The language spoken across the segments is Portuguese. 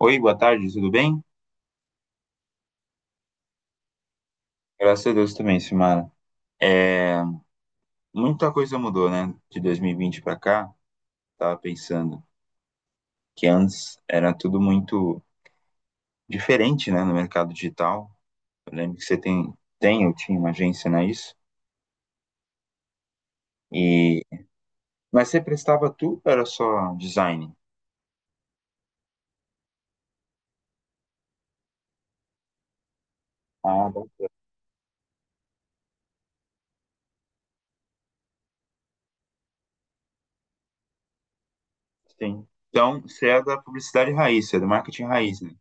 Oi, boa tarde, tudo bem? Graças a Deus também, Simara. É, Muita coisa mudou, né? De 2020 para cá, tava pensando que antes era tudo muito diferente, né, no mercado digital. Eu lembro que você tem, eu tinha uma agência, né, isso? E, mas você prestava tudo, ou era só design? Ah, bom, sim. Então, você é da publicidade raiz, você é do marketing raiz, né?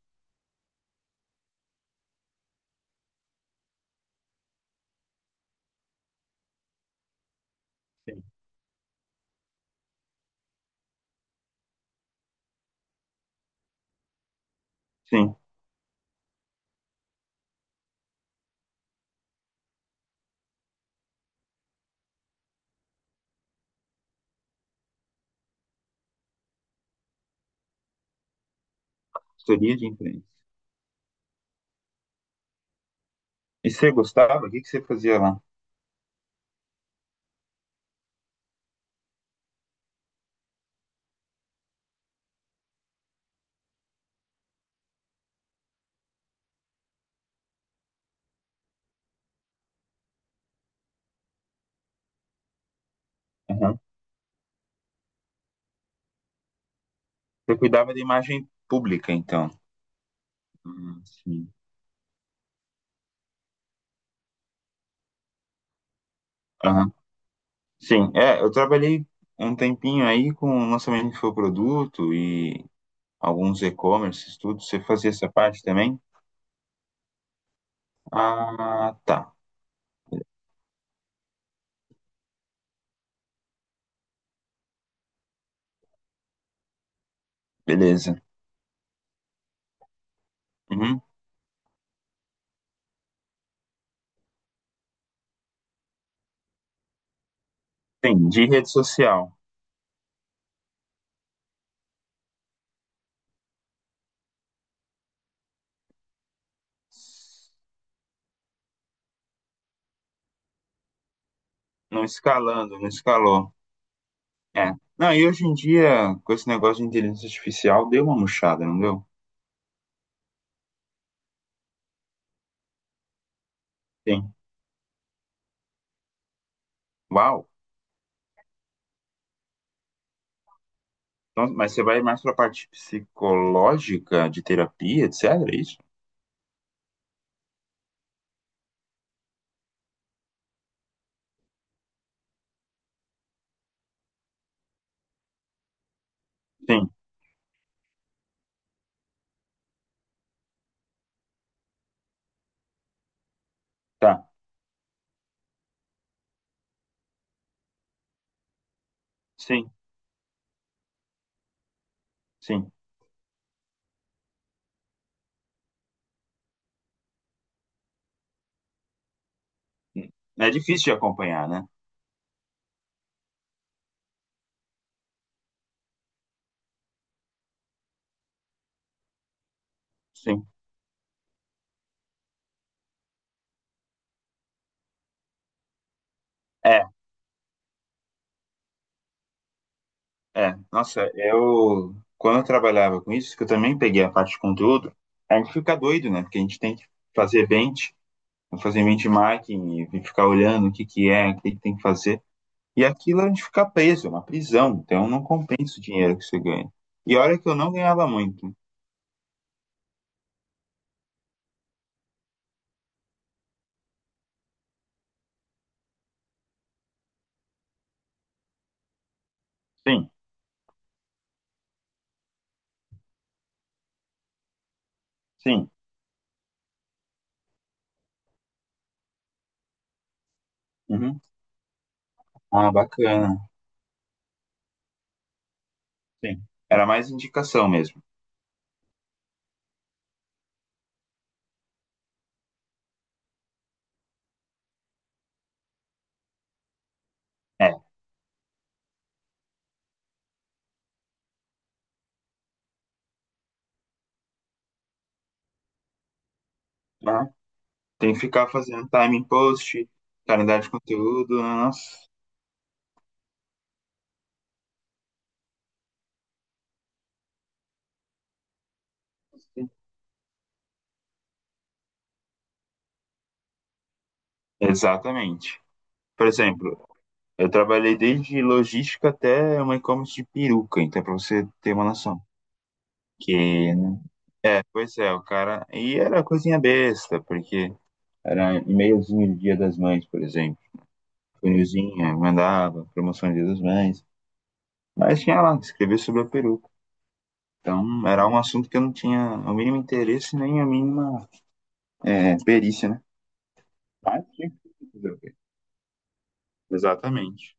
Sim. Sim, consultoria de imprensa. E você gostava? O que que você fazia lá? Aham. Você cuidava da imagem pública, então. Uhum, sim. Aham. Sim, é, eu trabalhei um tempinho aí com o lançamento de infoproduto e alguns e-commerces, tudo. Você fazia essa parte também? Ah, tá. Beleza. Uhum. Sim, de rede social. Não escalando, não escalou. É. Não, e hoje em dia, com esse negócio de inteligência artificial, deu uma murchada, não deu? Sim. Uau. Nossa, mas você vai mais pra parte psicológica, de terapia, etc, é isso? Sim, tá. Sim, sim. É difícil de acompanhar, né? Sim. É, é. Nossa, eu quando eu trabalhava com isso, que eu também peguei a parte de conteúdo, a gente fica doido, né? Porque a gente tem que fazer bench, fazer benchmarking e ficar olhando o que que é, o que que tem que fazer. E aquilo a gente fica preso, é uma prisão. Então não compensa o dinheiro que você ganha. E olha que eu não ganhava muito. Sim, sim. Uhum. Ah, bacana. Sim. Era mais indicação mesmo. É. Tem que ficar fazendo timing post, calendário de conteúdo, nossa. Exatamente. Por exemplo, eu trabalhei desde logística até uma e-commerce de peruca, então para você ter uma noção. Que, é, pois é, o cara. E era coisinha besta, porque era e-mailzinho do Dia das Mães, por exemplo. Funilzinha, mandava, promoção do Dia das Mães. Mas tinha lá, escrever sobre a peruca. Então era um assunto que eu não tinha o mínimo interesse nem a mínima perícia, né? Mas tinha que fazer. Exatamente.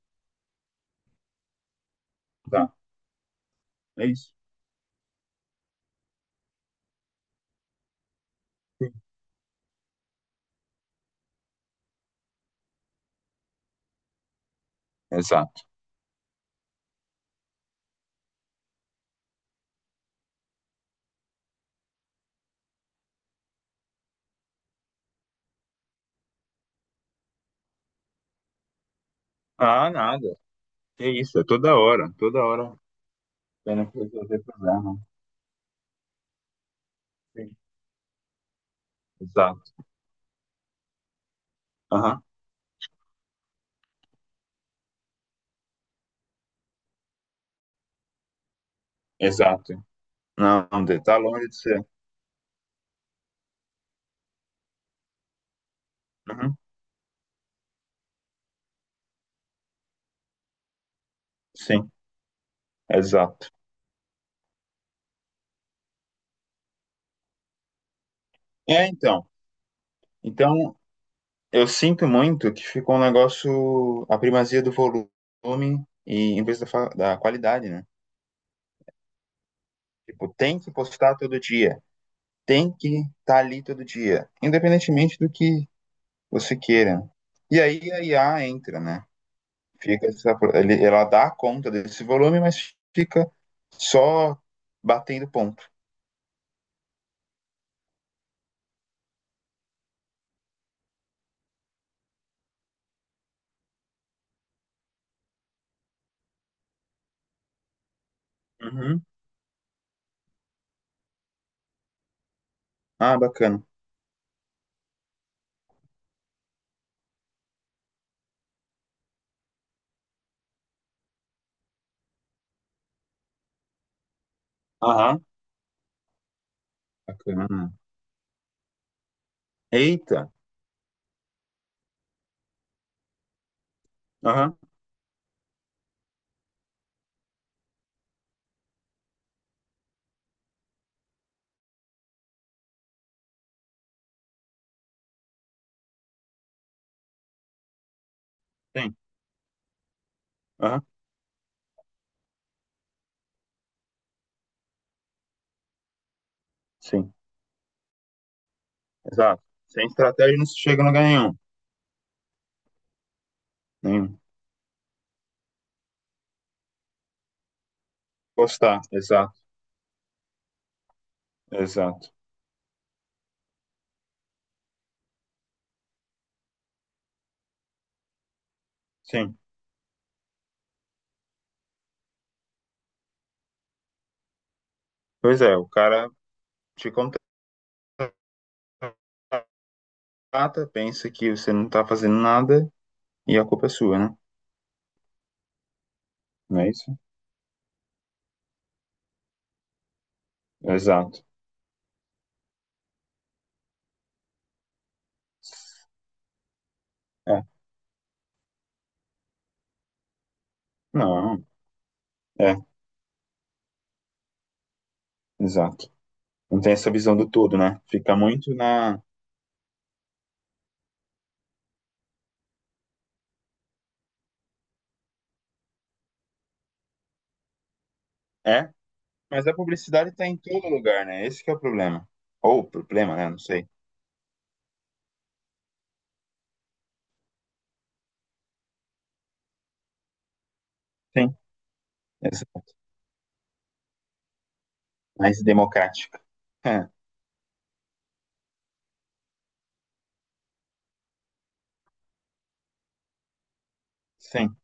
Tá, é isso. Exato. Ah, nada. É isso, é toda hora, toda hora. Tendo que resolver problema. Sim. Exato. Aham, exato. Não, não, Dê, tá longe de ser. Uhum, sim, exato. É, então. Então, eu sinto muito que ficou um negócio, a primazia do volume e em vez da, da qualidade, né? Tipo, tem que postar todo dia. Tem que estar tá ali todo dia, independentemente do que você queira. E aí a IA entra, né? Fica essa, ela dá conta desse volume, mas fica só batendo ponto. Uhum. Ah, bacana. Aham, bacana. Eita, aham, sim, aham, sim, exato. Sem estratégia não se chega a lugar nenhum. Nenhum. Postar, exato, exato. Sim. Pois é, o cara te contrata, pensa que você não tá fazendo nada e a culpa é sua, né? Não é isso? Exato. É, não, é, exato. Não tem essa visão do todo, né? Fica muito na. É, mas a publicidade tá em todo lugar, né? Esse que é o problema. Ou o problema, né? Não sei. Sim, exato. Mais democrática. É, sim.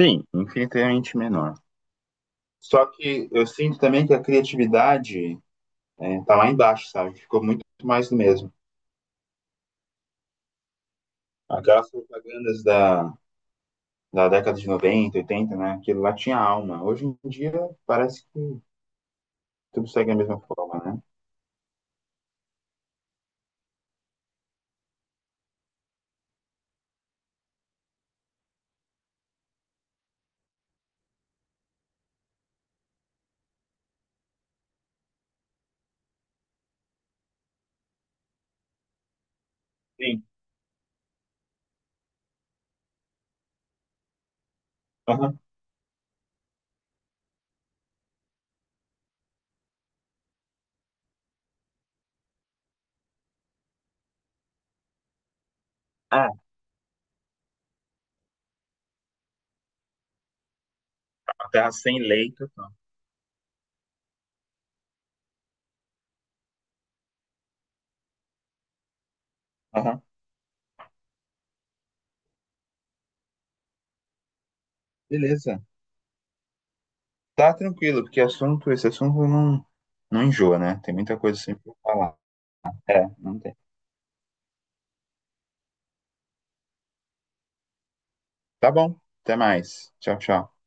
Sim, infinitamente menor. Só que eu sinto também que a criatividade tá lá embaixo, sabe? Ficou muito mais do mesmo. Aquelas propagandas da, da década de 90 80 né? Aquilo lá tinha alma. Hoje em dia parece que tudo segue a mesma forma, né? Sim. Aham. É, uma terra sem leito. Aham. Beleza. Tá tranquilo, porque assunto, esse assunto não, não enjoa, né? Tem muita coisa sempre pra falar. É, não tem. Tá bom. Até mais. Tchau, tchau.